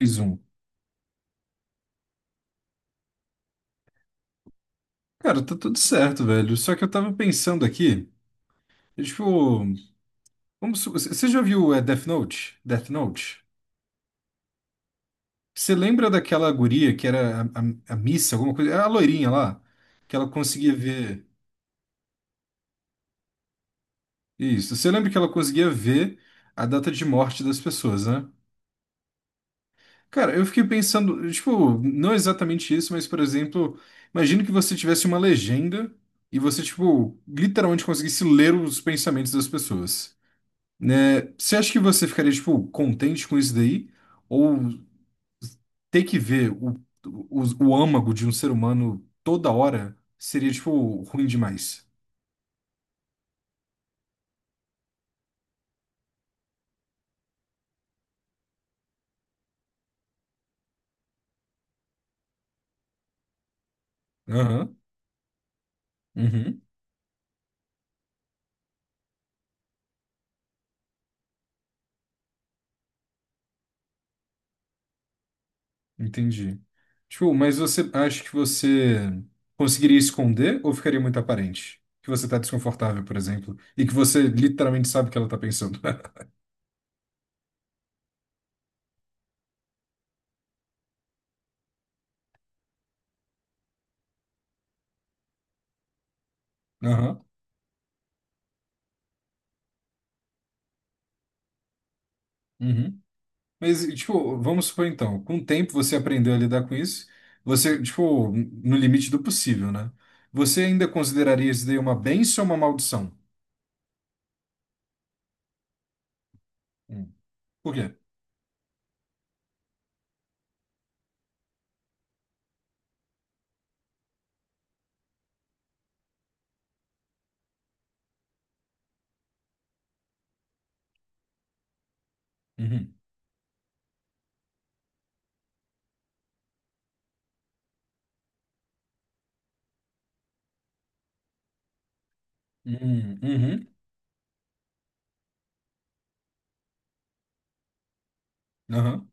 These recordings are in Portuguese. Mais um. Cara, tá tudo certo, velho. Só que eu tava pensando aqui, é tipo, você já viu Death Note? Death Note? Você lembra daquela guria que era a Missa, alguma coisa? É a loirinha lá, que ela conseguia ver. Isso. Você lembra que ela conseguia ver a data de morte das pessoas, né? Cara, eu fiquei pensando, tipo, não exatamente isso, mas, por exemplo, imagina que você tivesse uma legenda e você, tipo, literalmente conseguisse ler os pensamentos das pessoas. Né? Você acha que você ficaria, tipo, contente com isso daí? Ou ter que ver o, o âmago de um ser humano toda hora seria, tipo, ruim demais? Aham, uhum, entendi. Tipo, mas você acha que você conseguiria esconder ou ficaria muito aparente? Que você tá desconfortável, por exemplo, e que você literalmente sabe o que ela tá pensando. Aham, uhum. Mas, tipo, vamos supor então, com o tempo você aprendeu a lidar com isso, você, tipo, no limite do possível, né? Você ainda consideraria isso daí uma bênção ou uma maldição? Hum. Por quê? Uhum. Uhum. Uhum. Aham.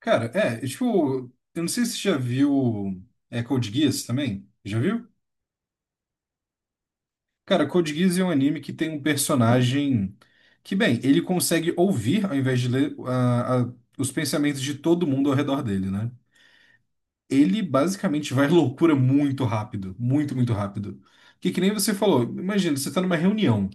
Cara, tipo, eu não sei se você já viu Code Geass também. Já viu? Cara, Code Geass é um anime que tem um personagem que, bem, ele consegue ouvir, ao invés de ler, os pensamentos de todo mundo ao redor dele, né? Ele basicamente vai à loucura muito rápido, muito, muito rápido. Que nem você falou, imagina, você está numa reunião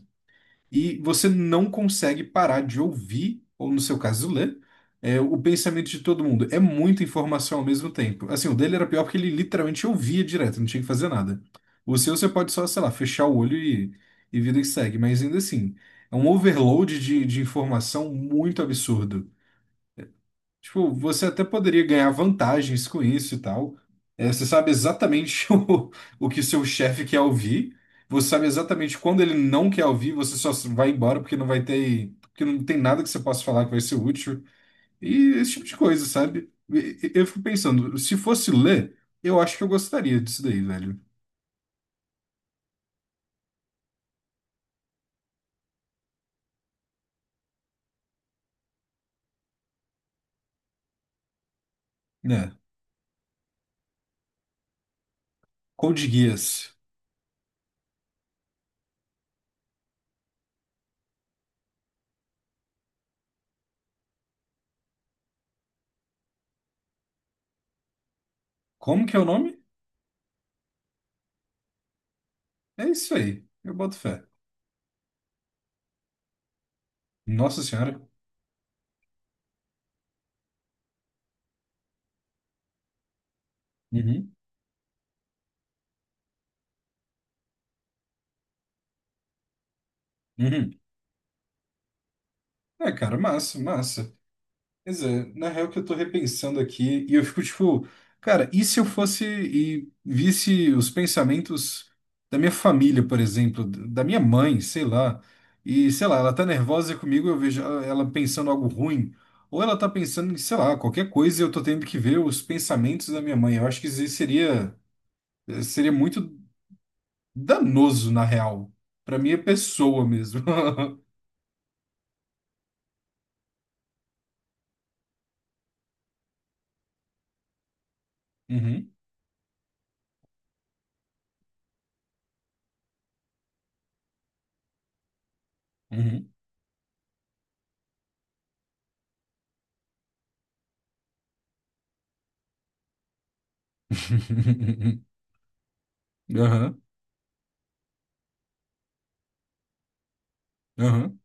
e você não consegue parar de ouvir, ou no seu caso, ler, o pensamento de todo mundo. É muita informação ao mesmo tempo. Assim, o dele era pior porque ele literalmente ouvia direto, não tinha que fazer nada. O seu, você pode só, sei lá, fechar o olho e vida que segue, mas ainda assim, é um overload de informação muito absurdo. Tipo, você até poderia ganhar vantagens com isso e tal. É, você sabe exatamente o que seu chefe quer ouvir. Você sabe exatamente quando ele não quer ouvir, você só vai embora porque não vai ter, porque não tem nada que você possa falar que vai ser útil. E esse tipo de coisa, sabe? Eu fico pensando, se fosse ler, eu acho que eu gostaria disso daí, velho. Né? Code Geass. Como que é o nome? É isso aí. Eu boto fé. Nossa Senhora. Uhum. Uhum. É, cara, massa, massa. Pois é, na real que eu tô repensando aqui e eu fico tipo, cara, e se eu fosse e visse os pensamentos da minha família, por exemplo, da minha mãe, sei lá, e sei lá, ela tá nervosa comigo, eu vejo ela pensando algo ruim, ou ela tá pensando em, sei lá, qualquer coisa e eu tô tendo que ver os pensamentos da minha mãe. Eu acho que isso aí seria seria muito danoso, na real, pra minha pessoa mesmo. Uhum, uhum. Aham, aham,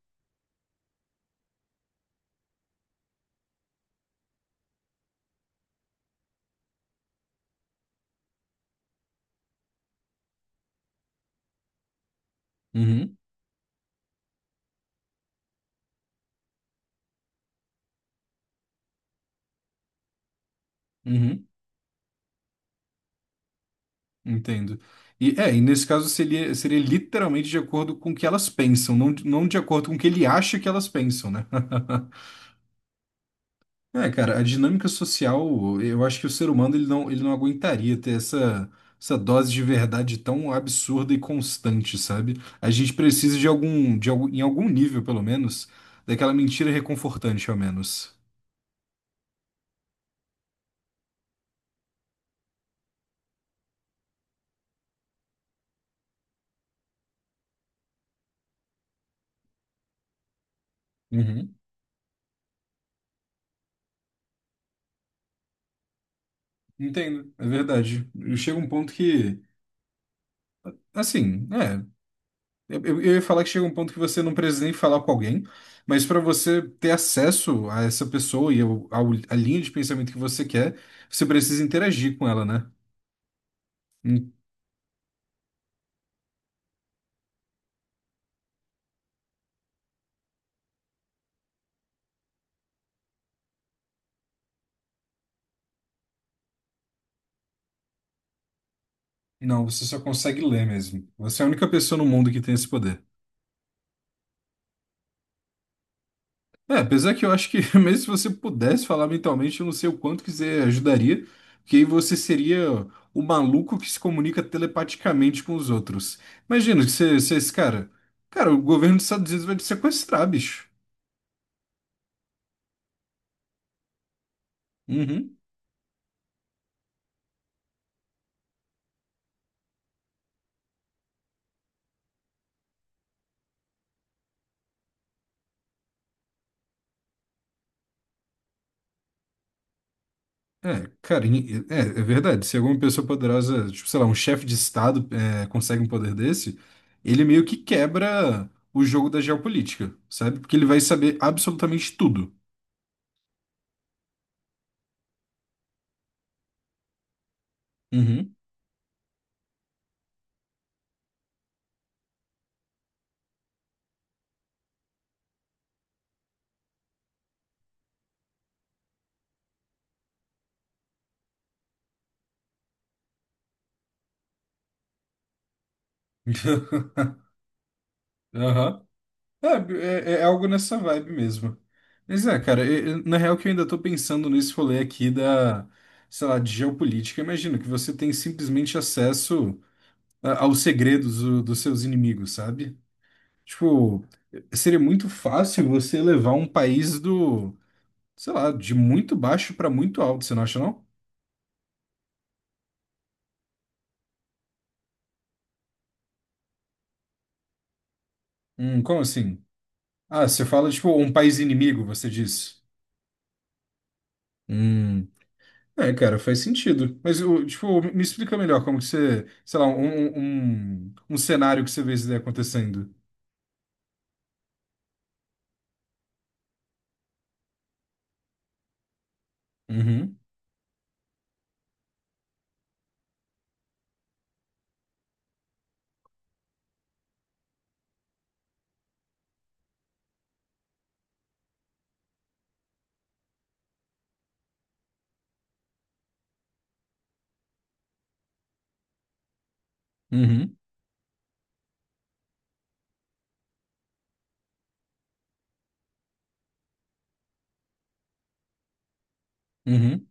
uhum, uhum. Entendo. E é, e nesse caso seria, seria literalmente de acordo com o que elas pensam, não, não de acordo com o que ele acha que elas pensam, né? É, cara, a dinâmica social, eu acho que o ser humano ele não aguentaria ter essa, essa dose de verdade tão absurda e constante, sabe? A gente precisa de algum, em algum nível, pelo menos, daquela mentira reconfortante, ao menos. Uhum. Entendo, é verdade. Chega um ponto que, assim, é, eu ia falar que chega um ponto que você não precisa nem falar com alguém, mas para você ter acesso a essa pessoa e a linha de pensamento que você quer, você precisa interagir com ela, né? Hum. Não, você só consegue ler mesmo. Você é a única pessoa no mundo que tem esse poder. É, apesar que eu acho que mesmo se você pudesse falar mentalmente, eu não sei o quanto que você ajudaria, porque aí você seria o maluco que se comunica telepaticamente com os outros. Imagina que você, você é esse cara. Cara, o governo dos Estados Unidos vai te sequestrar, bicho. Uhum. É, cara, é, é verdade. Se alguma pessoa poderosa, tipo, sei lá, um chefe de Estado consegue um poder desse, ele meio que quebra o jogo da geopolítica, sabe? Porque ele vai saber absolutamente tudo. Uhum. Aham. É, é algo nessa vibe mesmo. Mas é, cara, na real que eu ainda tô pensando nesse rolê aqui da, sei lá, de geopolítica. Imagina que você tem simplesmente acesso aos segredos dos seus inimigos, sabe? Tipo, seria muito fácil você levar um país do, sei lá, de muito baixo para muito alto, você não acha, não? Como assim? Ah, você fala, tipo, um país inimigo, você diz. Hum, é, cara, faz sentido. Mas, tipo, me explica melhor como que você, sei lá, um cenário que você vê isso daí acontecendo. Uhum, uhum, uhum.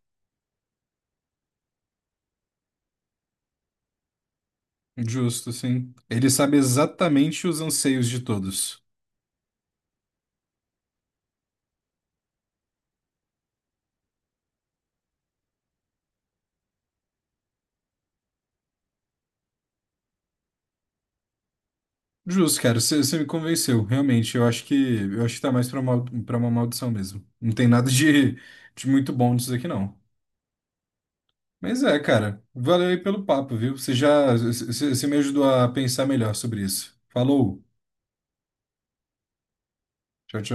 Justo, sim. Ele sabe exatamente os anseios de todos. Justo, cara, você me convenceu, realmente. Eu acho que tá mais pra uma maldição mesmo. Não tem nada de, de muito bom disso aqui, não. Mas é, cara, valeu aí pelo papo, viu? Você já você você me ajudou a pensar melhor sobre isso. Falou, tchau, tchau.